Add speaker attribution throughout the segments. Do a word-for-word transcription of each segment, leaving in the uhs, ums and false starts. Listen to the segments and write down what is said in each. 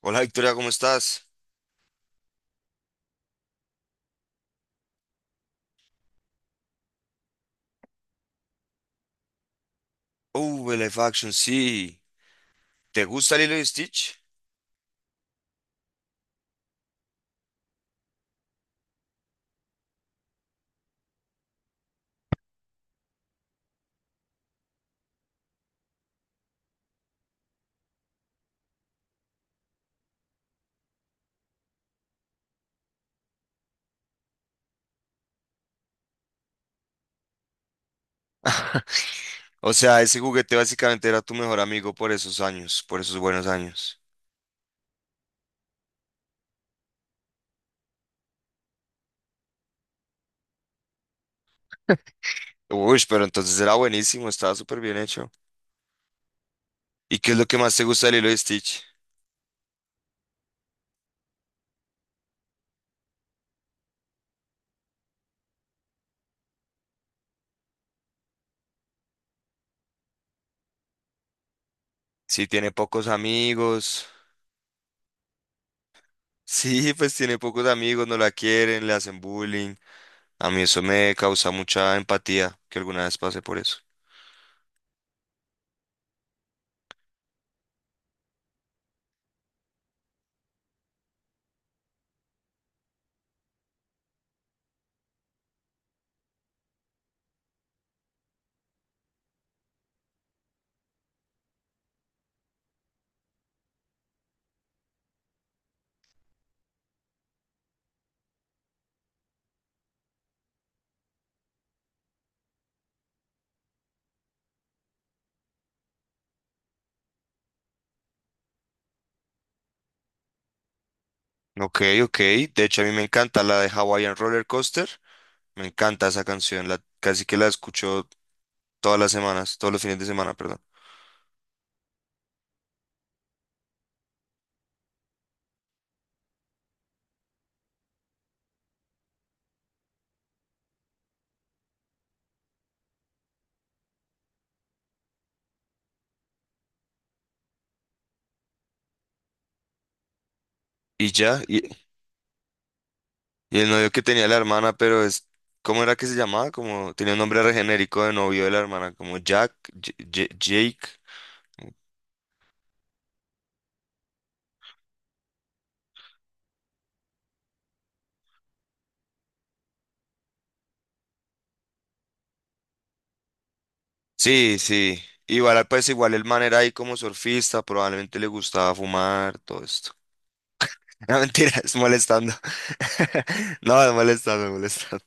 Speaker 1: Hola Victoria, ¿cómo estás? Uh, el live action, sí. ¿Te gusta Lilo y Stitch? O sea, ese juguete básicamente era tu mejor amigo por esos años, por esos buenos años. Uy, pero entonces era buenísimo, estaba súper bien hecho. ¿Y qué es lo que más te gusta de Lilo y Stitch? Sí, tiene pocos amigos. Sí, pues tiene pocos amigos, no la quieren, le hacen bullying. A mí eso me causa mucha empatía, que alguna vez pasé por eso. Ok, ok. De hecho, a mí me encanta la de Hawaiian Roller Coaster. Me encanta esa canción, la, casi que la escucho todas las semanas, todos los fines de semana, perdón. Y ya, y, y el novio que tenía la hermana, pero es, ¿cómo era que se llamaba? Como tenía un nombre re genérico de novio de la hermana, como Jack, J- J- Jake. Sí, sí. Igual, pues igual el man era ahí como surfista, probablemente le gustaba fumar, todo esto. No, mentiras, molestando. No, molestando, molestando.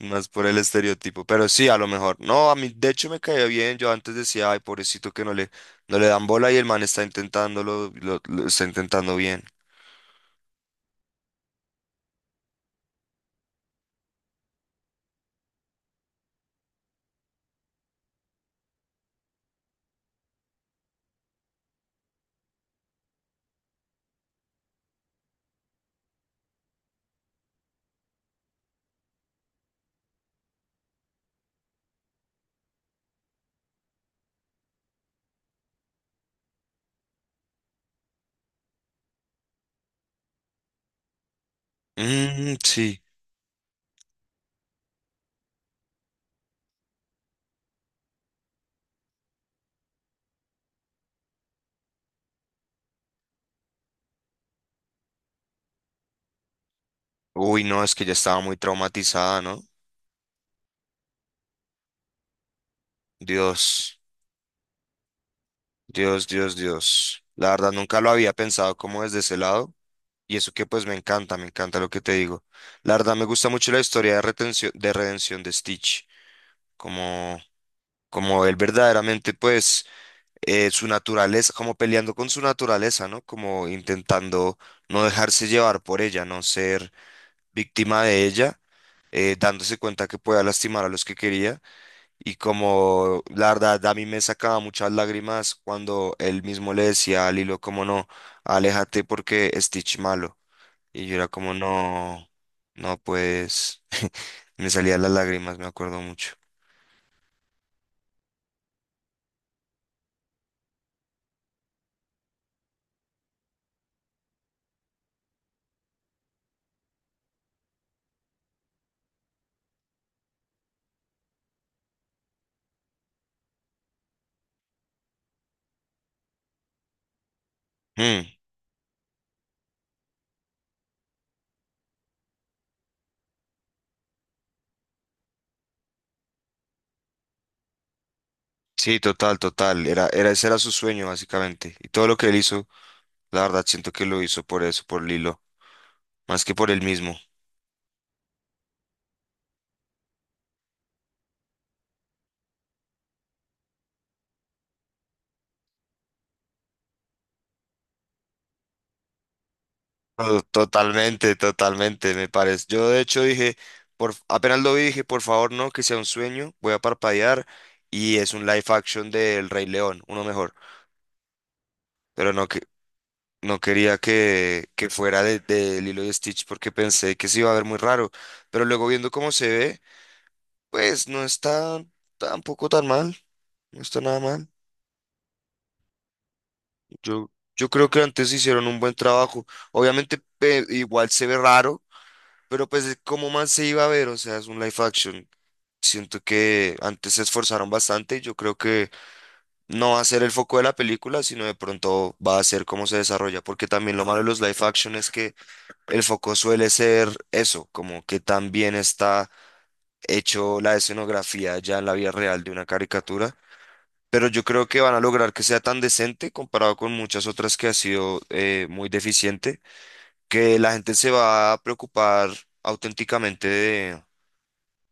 Speaker 1: Más por el estereotipo, pero sí, a lo mejor. No, a mí de hecho me caía bien. Yo antes decía, ay, pobrecito que no le, no le dan bola y el man está intentándolo, lo, lo está intentando bien. Mm, sí. Uy, no, es que ya estaba muy traumatizada, ¿no? Dios, Dios, Dios, Dios. La verdad, nunca lo había pensado como desde ese lado. Y eso que pues me encanta, me encanta lo que te digo. La verdad me gusta mucho la historia de retención, de redención de Stitch, como, como él verdaderamente pues eh, su naturaleza, como peleando con su naturaleza, ¿no? Como intentando no dejarse llevar por ella, no ser víctima de ella, eh, dándose cuenta que podía lastimar a los que quería. Y como la verdad a mí me sacaba muchas lágrimas cuando él mismo le decía a Lilo, como no, aléjate porque Stitch malo. Y yo era como, no, no, pues me salían las lágrimas, me acuerdo mucho. Mm, sí, total, total. Era, era, ese era su sueño, básicamente. Y todo lo que él hizo, la verdad, siento que lo hizo por eso, por Lilo, más que por él mismo. To- Totalmente, totalmente, me parece. Yo de hecho dije, por, f- apenas lo vi, dije, por favor, no, que sea un sueño, voy a parpadear y es un live action del Rey León, uno mejor. Pero no, que no quería que, que fuera de, de Lilo y Stitch porque pensé que se iba a ver muy raro, pero luego viendo cómo se ve, pues no está tampoco tan mal, no está nada mal. Yo, yo creo que antes hicieron un buen trabajo. Obviamente pe- igual se ve raro, pero pues de cómo más se iba a ver, o sea, es un live action. Siento que antes se esforzaron bastante y yo creo que no va a ser el foco de la película, sino de pronto va a ser cómo se desarrolla, porque también lo malo de los live action es que el foco suele ser eso, como que también está hecho la escenografía ya en la vida real de una caricatura, pero yo creo que van a lograr que sea tan decente comparado con muchas otras que ha sido eh, muy deficiente, que la gente se va a preocupar auténticamente de,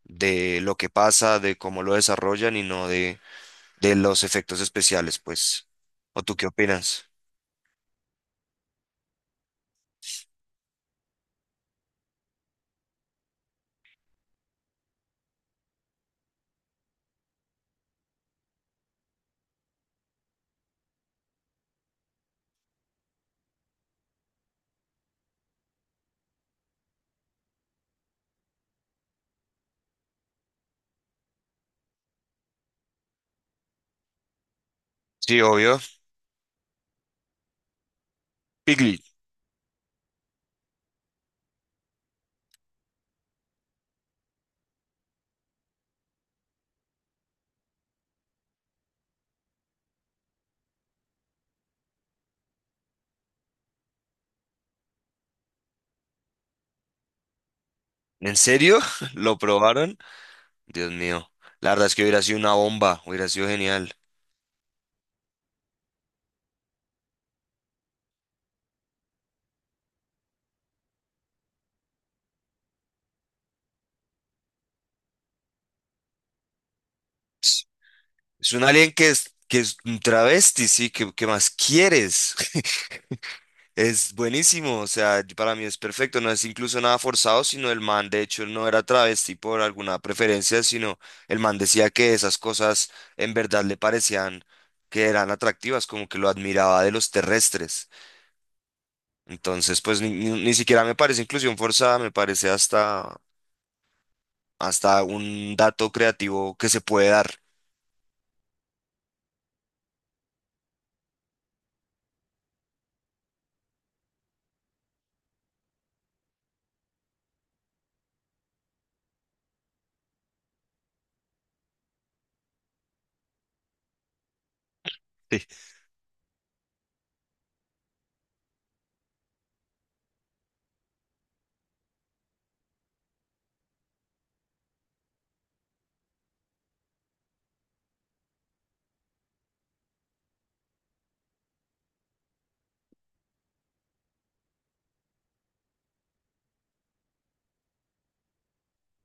Speaker 1: de lo que pasa, de cómo lo desarrollan y no de, de los efectos especiales, pues. ¿O tú qué opinas? Sí, obvio. Piglet. ¿En serio? ¿Lo probaron? Dios mío. La verdad es que hubiera sido una bomba, hubiera sido genial. Es es un alien que es, que es un travesti, sí, ¿qué, qué más quieres? Es buenísimo, o sea, yo- para mí es perfecto, no es incluso nada forzado, sino el man, de hecho, no era travesti por alguna preferencia, sino el man decía que esas cosas en verdad le parecían que eran atractivas, como que lo admiraba de los terrestres. Entonces, pues ni, ni- ni siquiera me parece inclusión forzada, me parece hasta, hasta un dato creativo que se puede dar.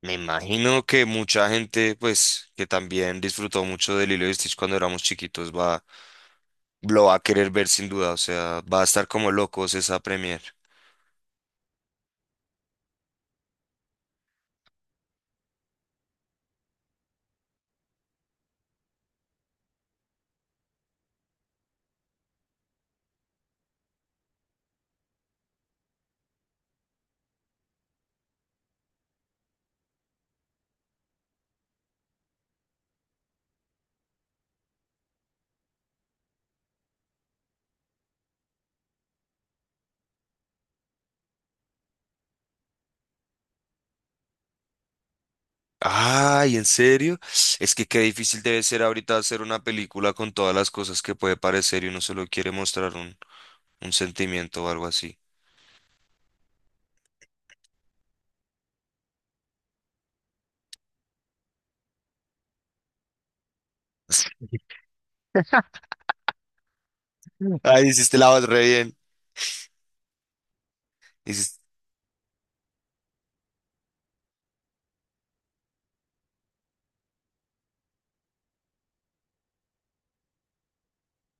Speaker 1: Me imagino que mucha gente, pues, que también disfrutó mucho de Lilo y Stitch cuando éramos chiquitos, va, lo va a querer ver sin duda, o sea, va a estar como locos esa premier. Ay, ¿en serio? Es que qué difícil debe ser ahorita hacer una película con todas las cosas que puede parecer y uno solo quiere mostrar un, un sentimiento o algo así. Ay, hiciste la voz re bien. Hiciste-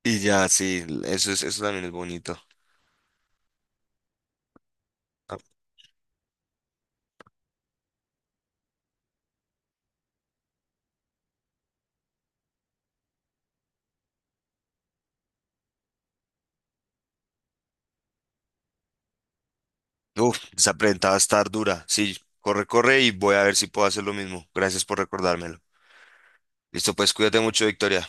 Speaker 1: Y ya, sí, eso es, eso también es bonito. Uf, esa prenda va a estar dura. Sí, corre, corre y voy a ver si puedo hacer lo mismo. Gracias por recordármelo. Listo, pues cuídate mucho, Victoria.